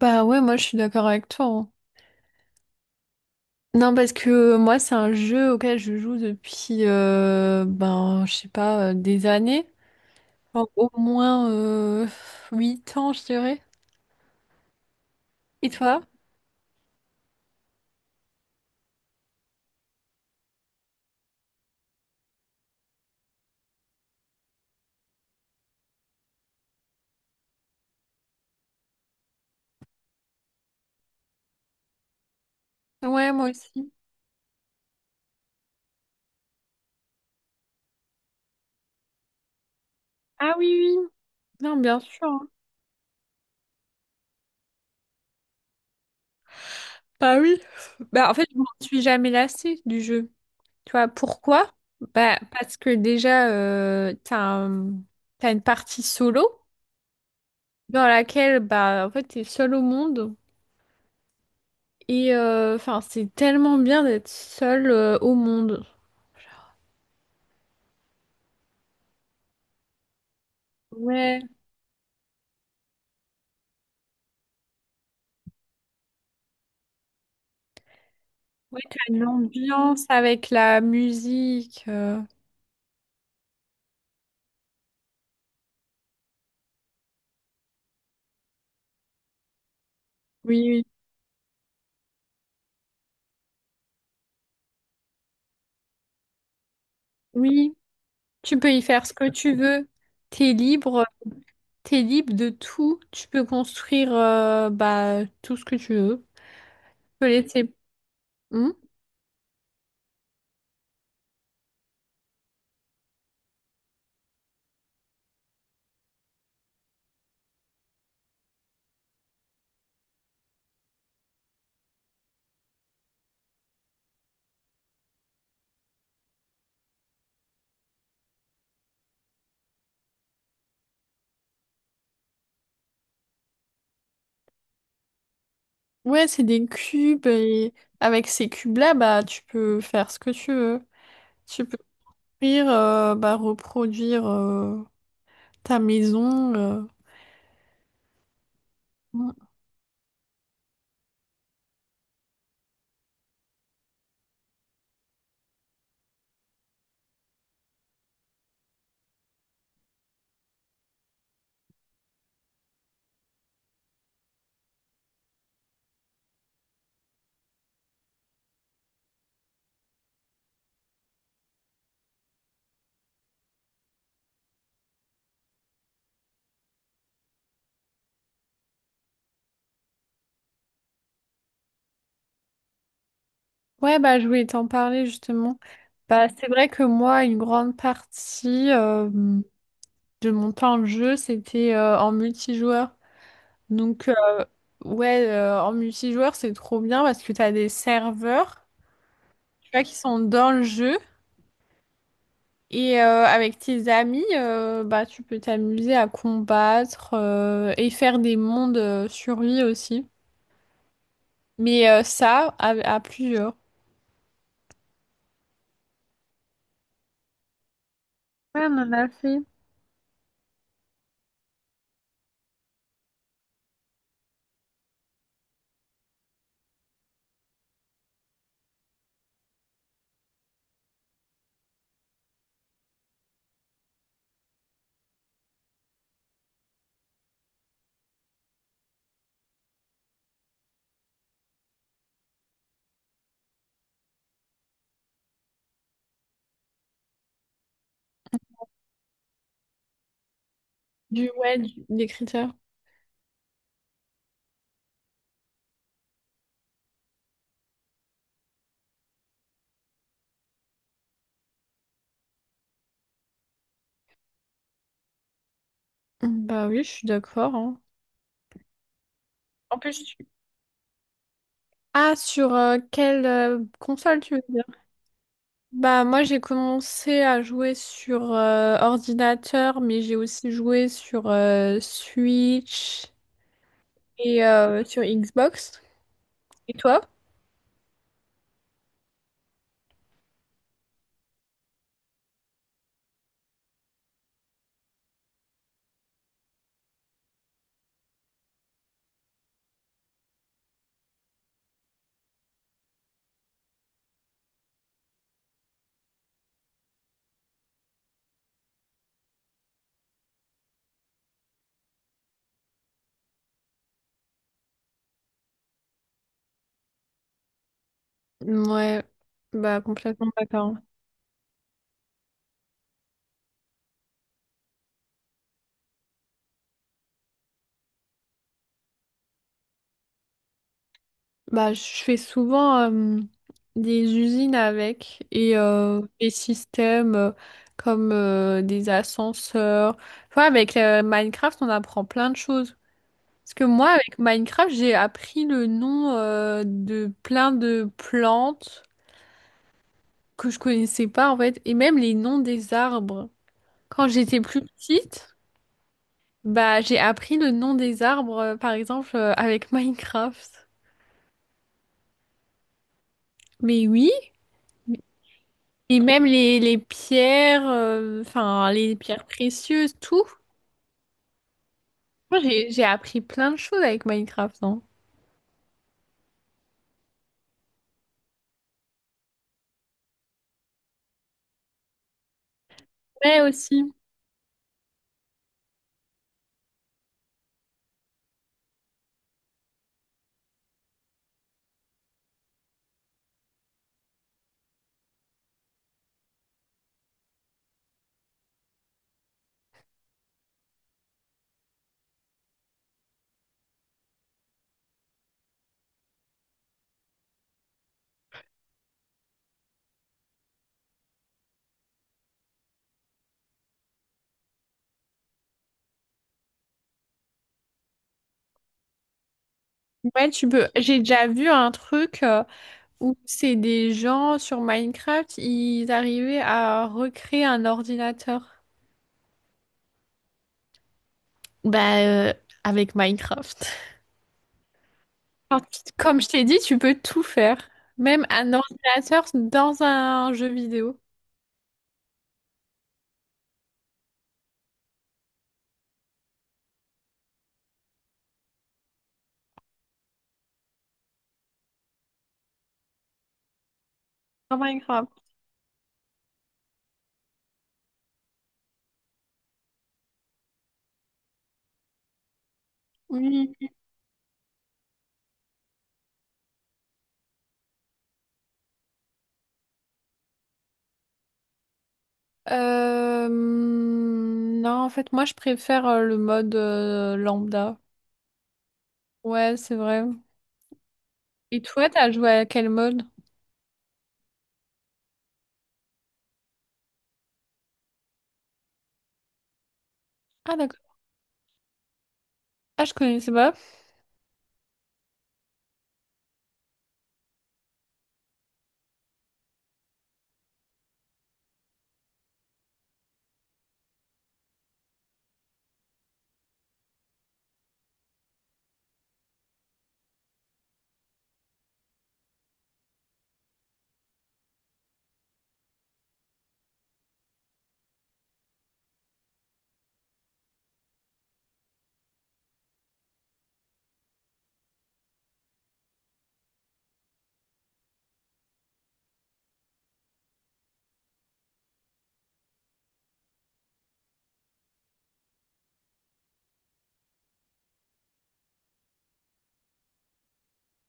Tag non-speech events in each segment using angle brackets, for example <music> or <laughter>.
Bah ouais, moi je suis d'accord avec toi, hein. Non, parce que moi c'est un jeu auquel je joue depuis, ben je sais pas, des années. Enfin, au moins 8 ans, je dirais. Et toi? Ouais, moi aussi. Ah oui, oui. Non, bien sûr, hein. Bah oui. Bah en fait, je m'en suis jamais lassée du jeu. Tu vois, pourquoi? Bah parce que déjà, t'as une partie solo dans laquelle, bah en fait, t'es seul au monde. Et enfin, c'est tellement bien d'être seul au monde. Ouais, ouais, t'as une ambiance avec la musique. Oui, oui, oui. Tu peux y faire ce que tu veux. T'es libre, t'es libre de tout. Tu peux construire bah, tout ce que tu veux. Tu peux laisser. Hmm. Ouais, c'est des cubes et avec ces cubes-là, bah, tu peux faire ce que tu veux. Tu peux construire, bah, reproduire ta maison. Ouais, bah, je voulais t'en parler justement. Bah, c'est vrai que moi, une grande partie de mon temps de jeu, c'était en multijoueur. Donc, ouais, en multijoueur, c'est trop bien parce que t'as des serveurs, tu vois, qui sont dans le jeu. Et avec tes amis, bah, tu peux t'amuser à combattre et faire des mondes sur aussi. Mais ça, à plusieurs. Ouais, on en a fait. Du, ouais, des critères. Bah oui, je suis d'accord, hein. En plus, Ah, sur quelle console tu veux dire? Bah moi j'ai commencé à jouer sur ordinateur, mais j'ai aussi joué sur Switch et sur Xbox. Et toi? Ouais, bah complètement d'accord. Bah je fais souvent des usines avec et des systèmes comme des ascenseurs. Enfin avec Minecraft on apprend plein de choses. Parce que moi, avec Minecraft, j'ai appris le nom de plein de plantes que je connaissais pas en fait, et même les noms des arbres. Quand j'étais plus petite, bah j'ai appris le nom des arbres, par exemple, avec <laughs> Minecraft. Mais oui, et même les pierres, enfin les pierres précieuses, tout. Moi, j'ai appris plein de choses avec Minecraft, non? Ouais aussi. Ouais, tu peux. J'ai déjà vu un truc, où c'est des gens sur Minecraft, ils arrivaient à recréer un ordinateur. Bah, avec Minecraft. Alors, Comme je t'ai dit, tu peux tout faire, même un ordinateur dans un jeu vidéo. Dans Minecraft. Oui. Non, en fait, moi, je préfère le mode lambda. Ouais, c'est vrai. Et toi, t'as joué à quel mode? Ah, d'accord. Ah, je connaissais pas.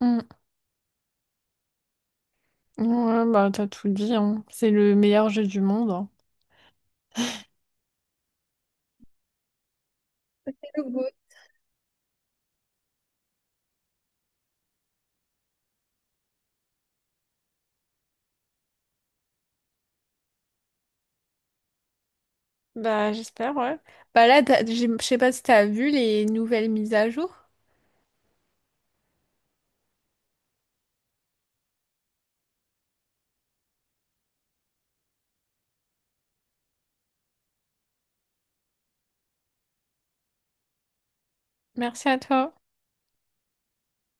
Hmm. Ouais, bah, t'as tout dit, hein. C'est le meilleur jeu du monde, hein. Bah, j'espère, ouais. Bah là, je sais pas si t'as vu les nouvelles mises à jour. Merci à toi.